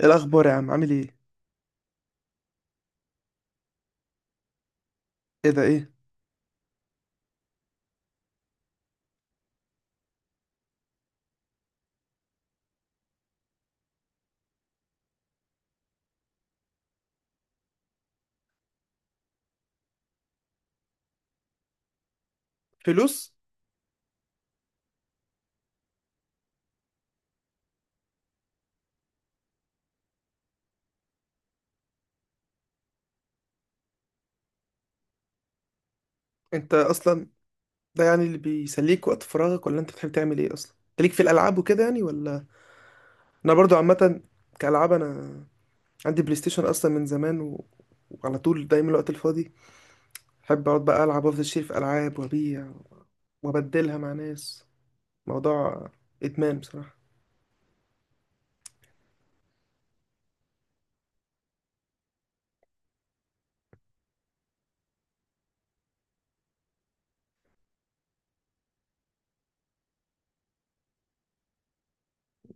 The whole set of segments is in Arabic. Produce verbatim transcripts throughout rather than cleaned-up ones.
إيه الاخبار يا عم؟ عامل ايه؟ ايه ده؟ ايه؟ فلوس. انت اصلا. ده يعني اللي بيسليك وقت فراغك؟ ولا انت بتحب تعمل ايه اصلا؟ انت ليك في الالعاب وكده يعني ولا؟ انا برضو عامه. كالعاب انا. عندي بلاي ستيشن اصلا من زمان و. وعلى طول دايما الوقت الفاضي بحب اقعد بقى العب وافضل اشتري في العاب وابيع وابدلها مع ناس. موضوع ادمان بصراحه.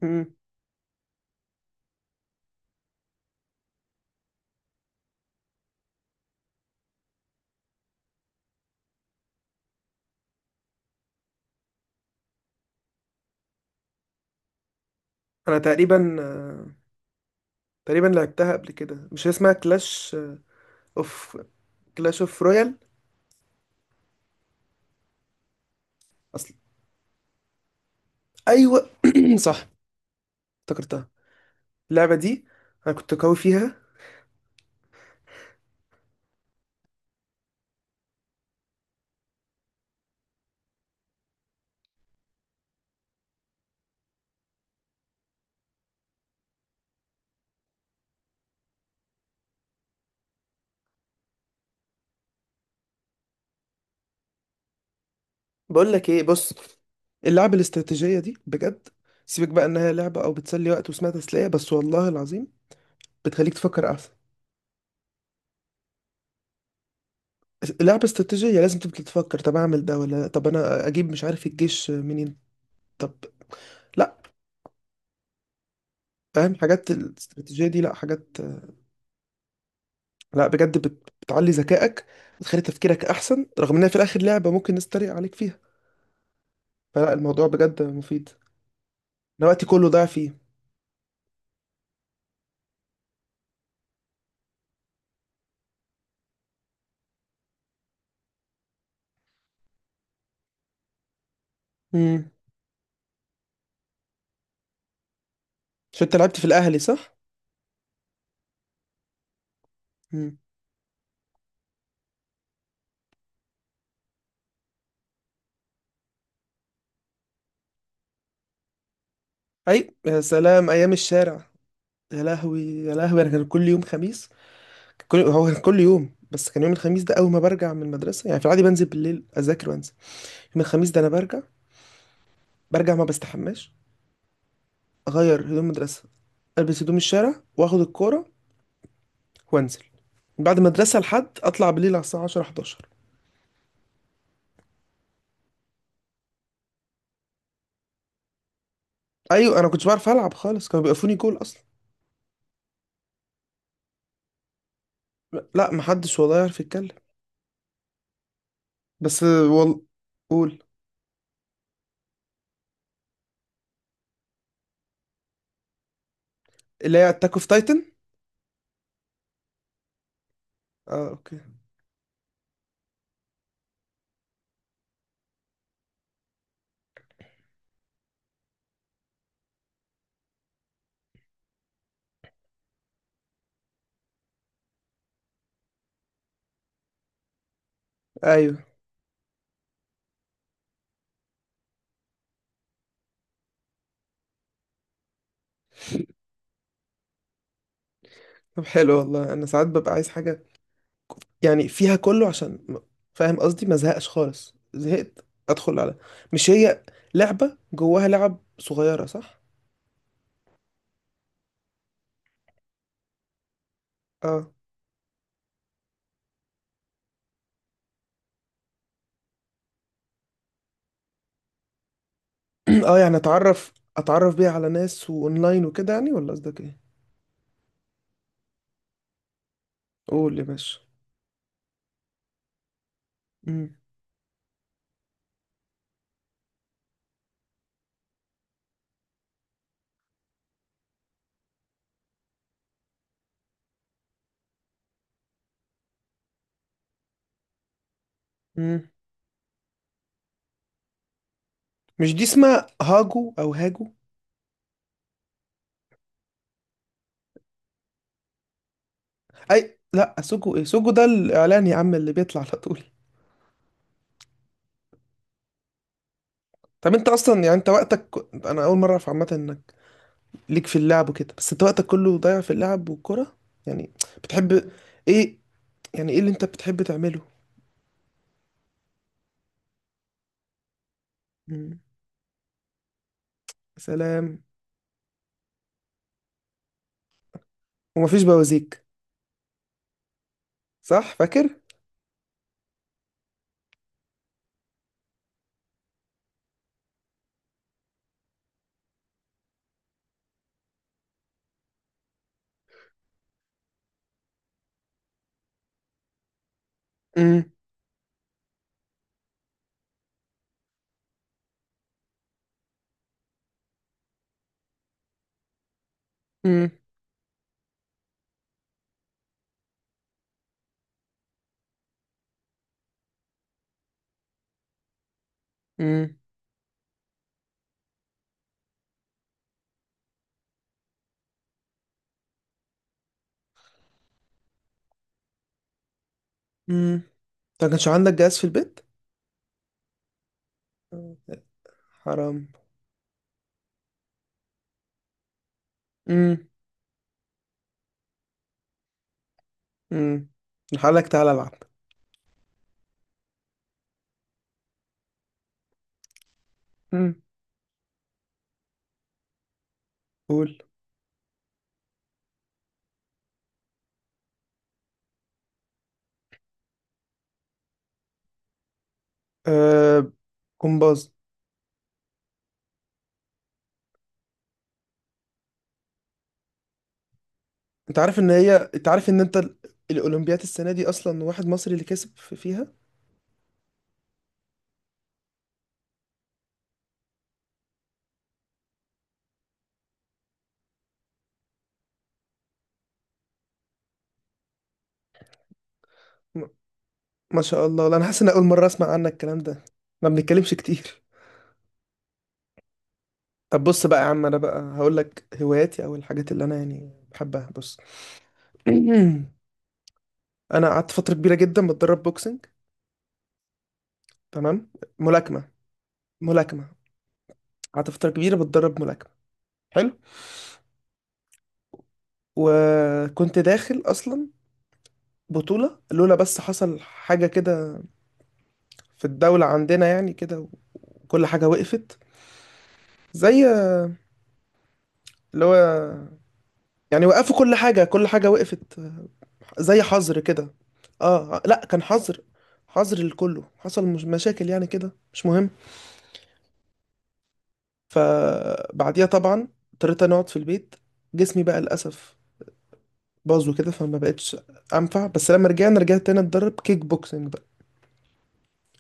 امم. انا تقريبا تقريبا لعبتها قبل كده، مش هي اسمها كلاش اوف كلاش اوف رويال اصلا. ايوه صح، افتكرتها، اللعبة دي أنا كنت قوي فيها. بقول لك إيه، بص، اللعبة الاستراتيجية دي بجد، سيبك بقى إنها لعبة أو بتسلي وقت واسمها تسلية بس، والله العظيم بتخليك تفكر أحسن. لعبة استراتيجية، لازم تبقى تفكر طب أعمل ده ولا طب أنا أجيب مش عارف الجيش منين. طب لأ، فاهم حاجات الاستراتيجية دي، لأ حاجات، لأ بجد بت- بتعلي ذكائك، بتخلي تفكيرك أحسن، رغم إنها في الآخر لعبة ممكن الناس تتريق عليك فيها، فلأ الموضوع بجد مفيد. أنا وقتي كله ضاع فيه. امم. عشان أنت لعبت في الأهلي، صح؟ اي يا سلام ايام الشارع، يا لهوي يا لهوي، انا كان كل يوم خميس، كان كل هو كان كل يوم، بس كان يوم الخميس ده اول ما برجع من المدرسه يعني، في العادي بنزل بالليل اذاكر وانزل. يوم الخميس ده انا برجع برجع ما بستحماش، اغير هدوم مدرسه، البس هدوم الشارع واخد الكوره وانزل من بعد المدرسه لحد اطلع بالليل على الساعه عشره حداشر. ايوه، انا كنتش بعرف العب خالص، كانوا بيقفوني جول اصلا. لا محدش والله يعرف يتكلم. بس والله. قول. اللي هي اتاك اوف تايتن. اه اوكي. ايوه. طب حلو والله، انا ساعات ببقى عايز حاجه يعني فيها كله، عشان م- فاهم قصدي، ما زهقش خالص، زهقت ادخل على مش هي، لعبة جواها لعب صغيرة، صح؟ اه اه يعني اتعرف اتعرف بيها على ناس واونلاين وكده يعني، ولا قصدك ايه؟ قول يا باشا. مم. مم. مش دي اسمها هاجو او هاجو؟ اي لا سوجو، ايه سوجو ده الاعلان يا عم اللي بيطلع على طول. طب انت اصلا يعني انت وقتك، انا اول مره اعرف عامه انك ليك في اللعب وكده، بس انت وقتك كله ضايع في اللعب والكره يعني، بتحب ايه؟ يعني ايه اللي انت بتحب تعمله؟ مم. سلام. ومفيش بوازيك؟ صح فاكر. امم. امم. امم. امم انت ما كانش عندك جهاز في البيت؟ حرام. امم. امم. لك تعالى العب. امم. قول. آه. كومباز. انت عارف ان هي انت عارف ان انت ال- الاولمبيات السنه دي اصلا واحد مصري اللي كسب في- فيها؟ م- ما شاء الله، لا انا حاسس ان اول مره اسمع عنك الكلام ده، ما بنتكلمش كتير. طب بص بقى يا عم، انا بقى هقول لك هواياتي او الحاجات اللي انا يعني بحبها، بص انا قعدت فتره كبيره جدا بتدرب بوكسنج. تمام. ملاكمه. ملاكمه. قعدت فتره كبيره بتدرب ملاكمه. حلو. وكنت داخل اصلا بطوله، لولا بس حصل حاجه كده في الدوله عندنا يعني كده، وكل حاجه وقفت، زي اللي هو يعني، وقفوا كل حاجه، كل حاجه وقفت، زي حظر كده. اه لا كان حظر، حظر لكله حصل مش مشاكل يعني كده مش مهم. فبعديها طبعا اضطريت أنا اقعد في البيت، جسمي بقى للاسف باظوا كده، فما بقتش انفع، بس لما رجعنا رجعت تاني اتدرب كيك بوكسنج بقى،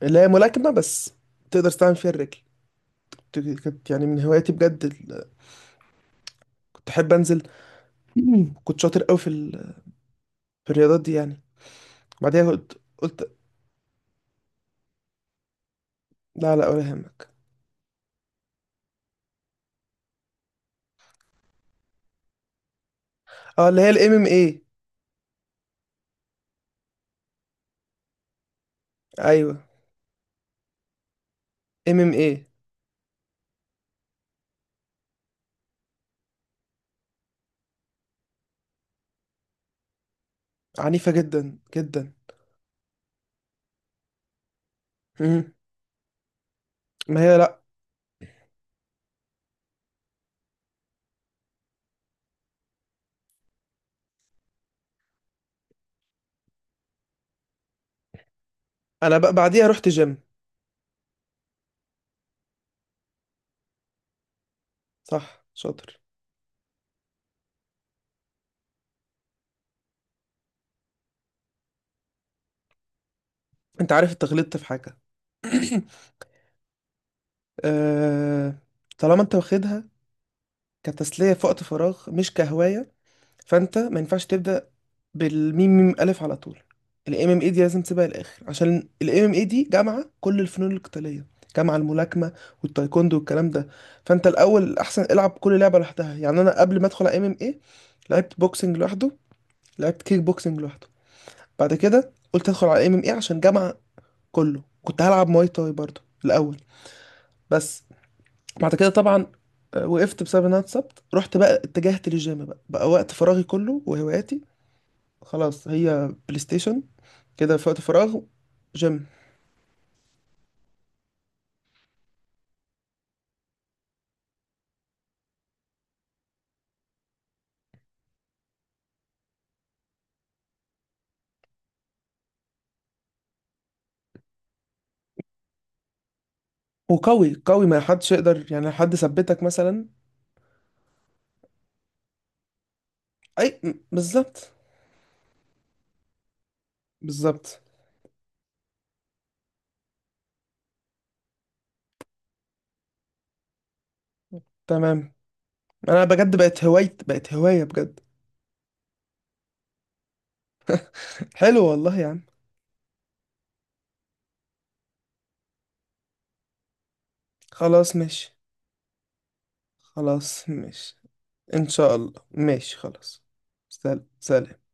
اللي هي ملاكمة بس تقدر تستعمل فيها الرجل. كنت- كانت يعني من هواياتي بجد، ال كنت احب انزل، كنت شاطر قوي في، ال... في الرياضات دي يعني. بعديها قلت قلت لا لا ولا يهمك. اه اللي هي الام ام اي. ايوه ام ام اي. عنيفة جدا جدا. مم. ما هي لا، انا بقى بعديها رحت جيم. صح شاطر. انت عارف اتغلطت في حاجة آه. طالما انت واخدها كتسلية في وقت فراغ مش كهواية، فأنت ما ينفعش تبدأ بالميم ميم ألف على طول، ال إم إم إيه دي لازم تسيبها للآخر، عشان ال M M A دي جامعة كل الفنون القتالية، جامعة الملاكمة والتايكوندو والكلام ده. فأنت الأول الأحسن العب كل لعبة لوحدها، يعني أنا قبل ما أدخل على إم إم إيه لعبت بوكسنج لوحده، لعبت كيك بوكسنج لوحده، بعد كده قلت أدخل على إم إم إيه عشان جامعة كله، كنت هلعب مواي تاي برضه الأول. بس بعد كده طبعا آه، وقفت بسبب ان انا اتصبت، رحت بقى اتجهت للجيم، بقى بقى وقت فراغي كله وهواياتي خلاص هي بلاي ستيشن، كده في وقت فراغ جيم. وقوي قوي، ما حدش يقدر يعني حد ثبتك مثلا. اي م- بالظبط. بالظبط. تمام. انا بجد بقت هواية، بقت هواية بجد حلو والله يا عم. خلاص ماشي. خلاص ماشي ان شاء الله، ماشي خلاص. سلام سلام.